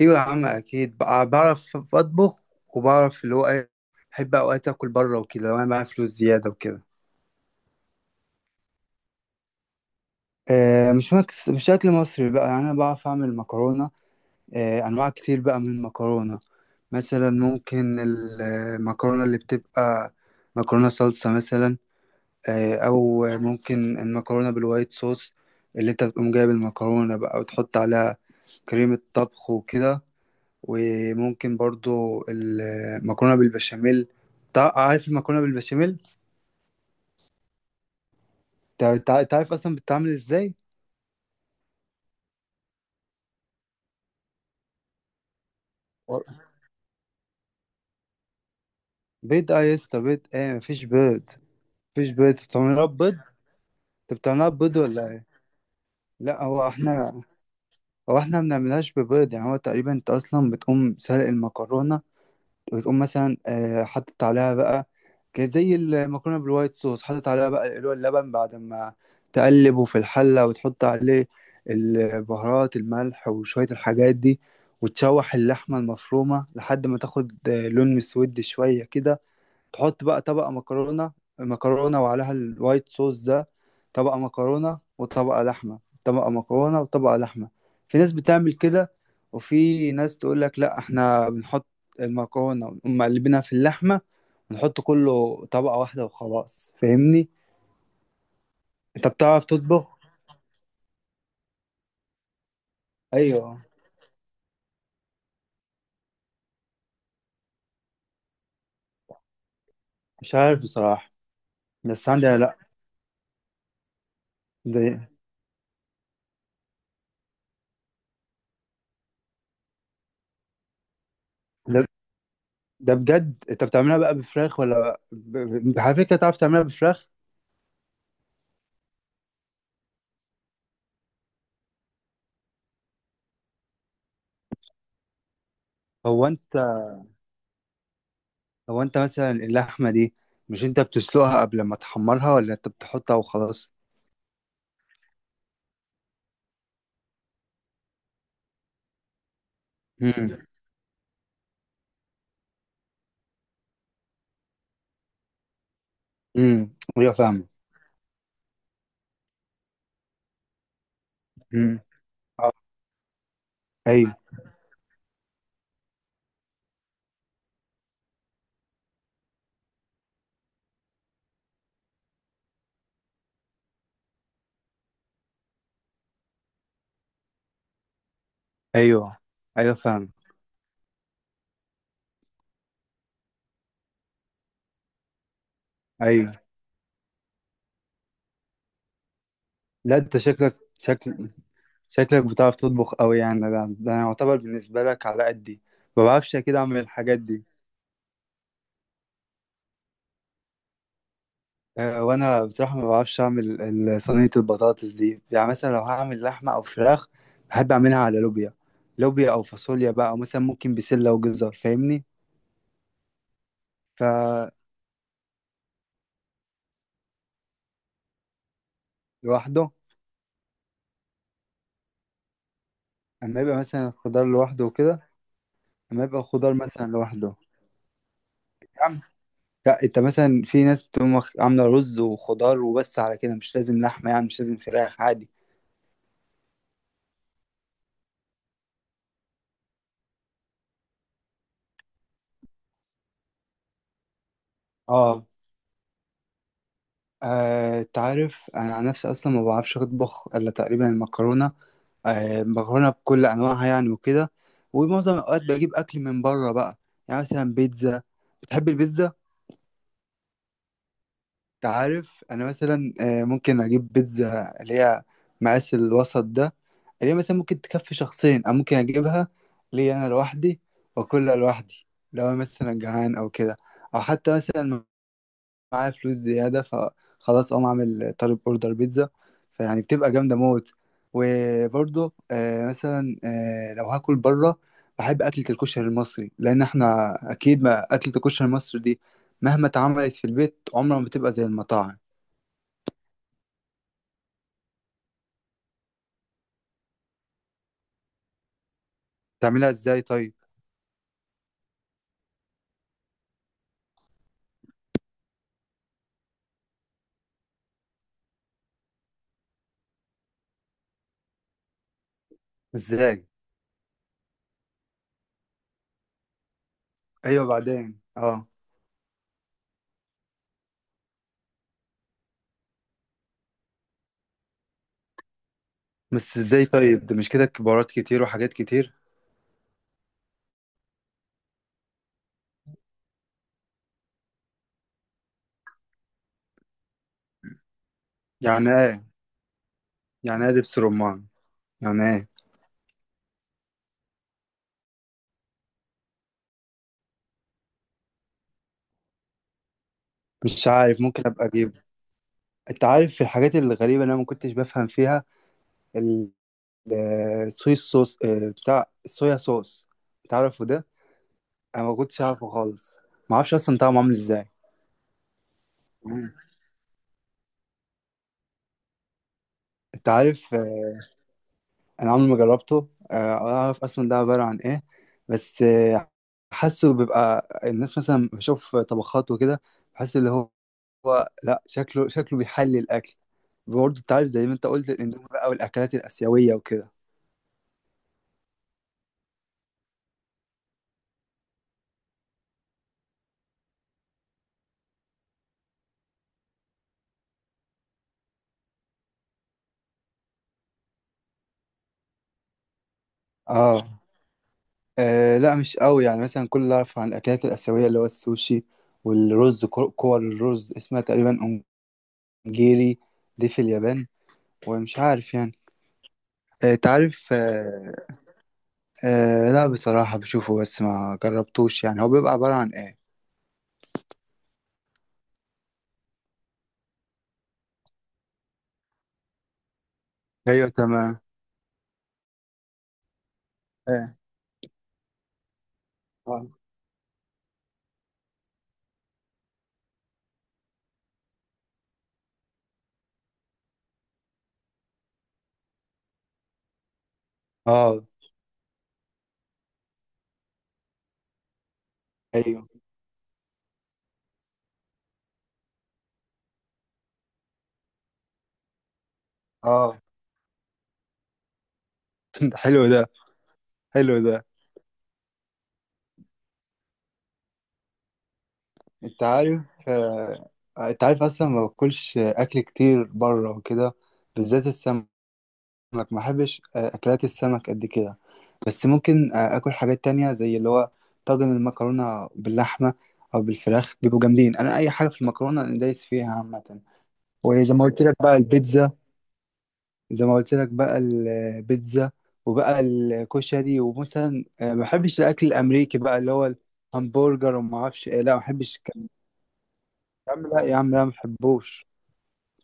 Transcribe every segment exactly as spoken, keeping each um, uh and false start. ايوه يا عم، اكيد بع- بعرف اطبخ، وبعرف اللي هو ايه. بحب اوقات اكل بره وكده لو انا معايا فلوس زياده وكده. آه، مش مكس مش اكل مصري بقى، يعني انا بعرف اعمل مكرونه. آه، انواع كتير بقى من المكرونه. مثلا ممكن المكرونه اللي بتبقى مكرونه صلصه مثلا. آه، او ممكن المكرونه بالوايت صوص، اللي انت بتقوم جايب المكرونه بقى وتحط عليها كريمه طبخ وكده. وممكن برضو المكرونة بالبشاميل. تع- عارف المكرونة بالبشاميل؟ تع- تع- تعرف أصلا بتتعمل إزاي؟ و- بيض؟ اه يا اسطى، بيض ايه؟ مفيش بيض. مفيش بيض، انت بتعملها بيض؟ انت بتعملها بيض ولا ايه؟ لا، هو احنا هو احنا ما بنعملهاش ببيض. يعني هو تقريبا انت اصلا بتقوم سلق المكرونة، وتقوم مثلا آه، حاطط عليها بقى، ك- زي المكرونه بالوايت صوص، حاطط عليها بقى اللي هو اللبن، بعد ما تقلبه في الحله وتحط عليه البهارات، الملح، وشويه الحاجات دي. وتشوح اللحمه المفرومه لحد ما تاخد آه، لون مسود شويه كده. تحط بقى طبقة مكرونة مكرونة وعليها الوايت صوص ده. طبقة مكرونة وطبقة لحمة، طبقة مكرونة وطبقة لحمة. في ناس بتعمل كده. وفي ناس تقول لك لا، احنا بنحط المكرونة ونقوم مقلبينها في اللحمة ونحط كله طبقة واحدة وخلاص، فاهمني؟ انت بتعرف تطبخ. ايوه، مش عارف بصراحة. بس عندي، لا. زي. ده ده بجد، انت بتعملها بقى بفراخ ولا ب... ب... على فكرة، تعرف تعملها بفراخ؟ هو انت هو انت مثلا اللحمه دي، مش انت بتسلقها قبل ما تحمرها، ولا انت بتحطها وخلاص؟ امم. امم، ايوه فاهم. امم. اه، ايوه. ايوه. ايوه فاهم. ايوه. لا، انت شكلك شكل شكلك بتعرف تطبخ قوي يعني. ده ده انا يعتبر بالنسبه لك على قدي، ما بعرفش اكيد اعمل الحاجات دي. اه، وانا بصراحه ما بعرفش اعمل ال- صينيه البطاطس دي. يعني مثلا لو هعمل لحمه او فراخ، بحب اعملها على لوبيا، لوبيا او فاصوليا بقى، او مثلا ممكن بسله وجزر، فاهمني؟ لوحده. اما يبقى مثلا خضار لوحده وكده. اما يبقى خضار مثلا لوحده. يا عم، لا، انت مثلا في ناس بتقوم واخ- عامله رز وخضار وبس، على كده مش لازم لحمه، يعني مش لازم فراخ عادي. اه، آه، تعرف انا عن نفسي اصلا ما بعرفش اطبخ الا تقريبا المكرونه. آه، مكرونه بكل انواعها يعني وكده. ومعظم الاوقات بجيب اكل من بره بقى. يعني مثلا بيتزا. بتحب البيتزا؟ تعرف انا مثلا آه، ممكن اجيب بيتزا اللي هي مقاس الوسط ده، اللي هي مثلا ممكن تكفي شخصين، او ممكن اجيبها ليا انا لوحدي واكلها لوحدي لو انا مثلا جعان او كده، او حتى مثلا معايا فلوس زياده، فخلاص اقوم اعمل طالب اوردر بيتزا، فيعني بتبقى جامده موت. وبرضه آه، مثلا آه، لو هاكل بره، بحب اكله الكشري المصري، لان احنا اكيد ما اكله الكشري المصري دي مهما اتعملت في البيت عمرها ما بتبقى زي المطاعم. تعملها ازاي طيب؟ ازاي؟ ايوه، بعدين، اه. بس ازاي طيب؟ ده مش كده بهارات كتير وحاجات كتير؟ يعني ايه؟ يعني ايه دبس رمان؟ يعني ايه؟ مش عارف، ممكن ابقى اجيب. انت عارف، في الحاجات الغريبه اللي انا ما كنتش بفهم فيها، ال- الصويا صوص، آه، بتاع الصويا صوص، تعرفوا ده؟ انا ما كنتش اعرفه خالص. ما اعرفش اصلا طعمه عامل ازاي. مم. انت عارف، آه، انا عمري ما جربته، آه، ولا اعرف اصلا ده عبارة عن ايه. بس آه، حاسه بيبقى الناس مثلا، بشوف طبخات وكده، بحس اللي هو، هو لا، شكله شكله بيحلي الاكل. برضه انت عارف، زي ما انت قلت، الاندومي بقى والاكلات الاسيوية وكده. اه. آه، لا مش قوي، يعني مثلا كل اللي اعرف عن الاكلات الاسيوية اللي هو السوشي، والرز كو- كور الرز اسمها تقريبا، انجيري، دي في اليابان. ومش عارف يعني. آه، انت عارف، آه، آه لا، بصراحة بشوفه بس ما جربتوش. يعني هو بيبقى عبارة عن ايه؟ ايوه تمام. ايه؟ اه. آه، ايوه. اه. ده حلو ده. حلو ده. انت عارف، آه انت عارف اصلا ما باكلش اكل كتير بره وكده، بالذات السمك. ما بحبش آه، اكلات السمك قد كده. بس ممكن آه، اكل حاجات تانية زي اللي هو طاجن المكرونة باللحمة او بالفراخ، بيبقوا جامدين. انا اي حاجة في المكرونة انا دايس فيها عامة. وزي ما قلت لك بقى البيتزا زي ما قلت لك بقى البيتزا، وبقى الكشري، ومثلا آه، ما بحبش الاكل الامريكي بقى اللي هو الهمبرجر، وما اعرفش ايه، لا ما بحبش الكلام ده. يا عم لا، يا عم لا، ما بحبوش.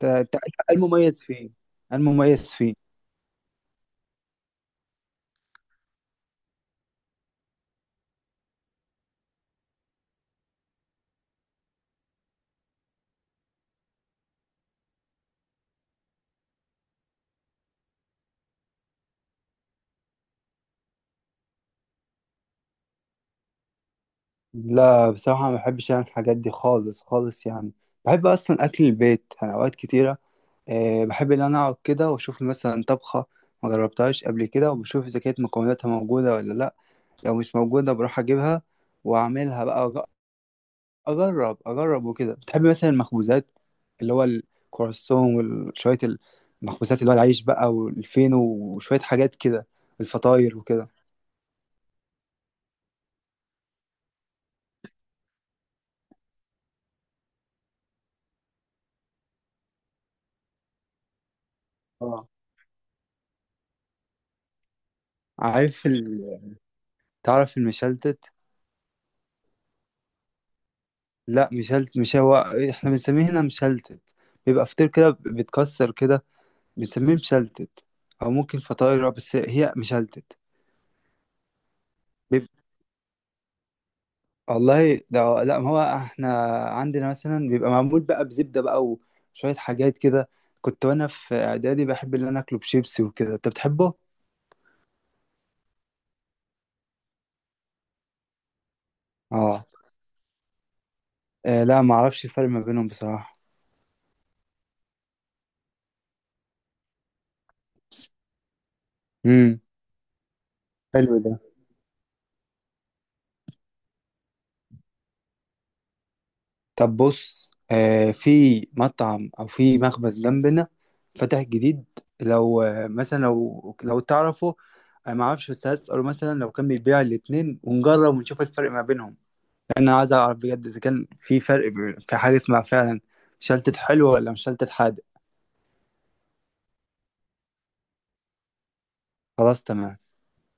ت- ت- المميز فيه، المميز فيه لا بصراحة ما بحبش يعني الحاجات دي خالص خالص يعني. بحب أصلا أكل البيت أنا أوقات كتيرة. أه، بحب إن أنا أقعد كده وأشوف مثلا طبخة ما جربتهاش قبل كده، وبشوف إذا كانت مكوناتها موجودة ولا لأ. لو مش موجودة بروح أجيبها وأعملها بقى. اجرب اجرب وكده. بتحبي مثلا المخبوزات، اللي هو الكرواسون وشويه المخبوزات، اللي هو العيش بقى والفينو وشويه حاجات كده، الفطاير وكده؟ اه، عارف ال... تعرف المشلتت؟ لا، مشلت مش هو. احنا بنسميه هنا مشلتت، بيبقى فطير كده بيتكسر كده، بنسميه مشلتت، او ممكن فطاير بس هي مشلتت. والله ده، لا، ما هو احنا عندنا مثلا بيبقى معمول بقى بزبدة بقى، وشوية حاجات كده. كنت وانا في اعدادي بحب ان انا اكله بشيبسي وكده، انت بتحبه؟ اه. آه، لا ما اعرفش الفرق ما بينهم بصراحة. امم. حلو ده. طب بص، آه، في مطعم او في مخبز جنبنا فتح جديد، لو آه، مثلا لو لو تعرفه، انا ما اعرفش، بس هسأله مثلا لو كان بيبيع الاتنين، ونجرب ونشوف الفرق ما بينهم. انا عايز اعرف بجد اذا كان في فرق، ب- في حاجه اسمها فعلا مشلتت حلو ولا مشلتت حادق. خلاص تمام.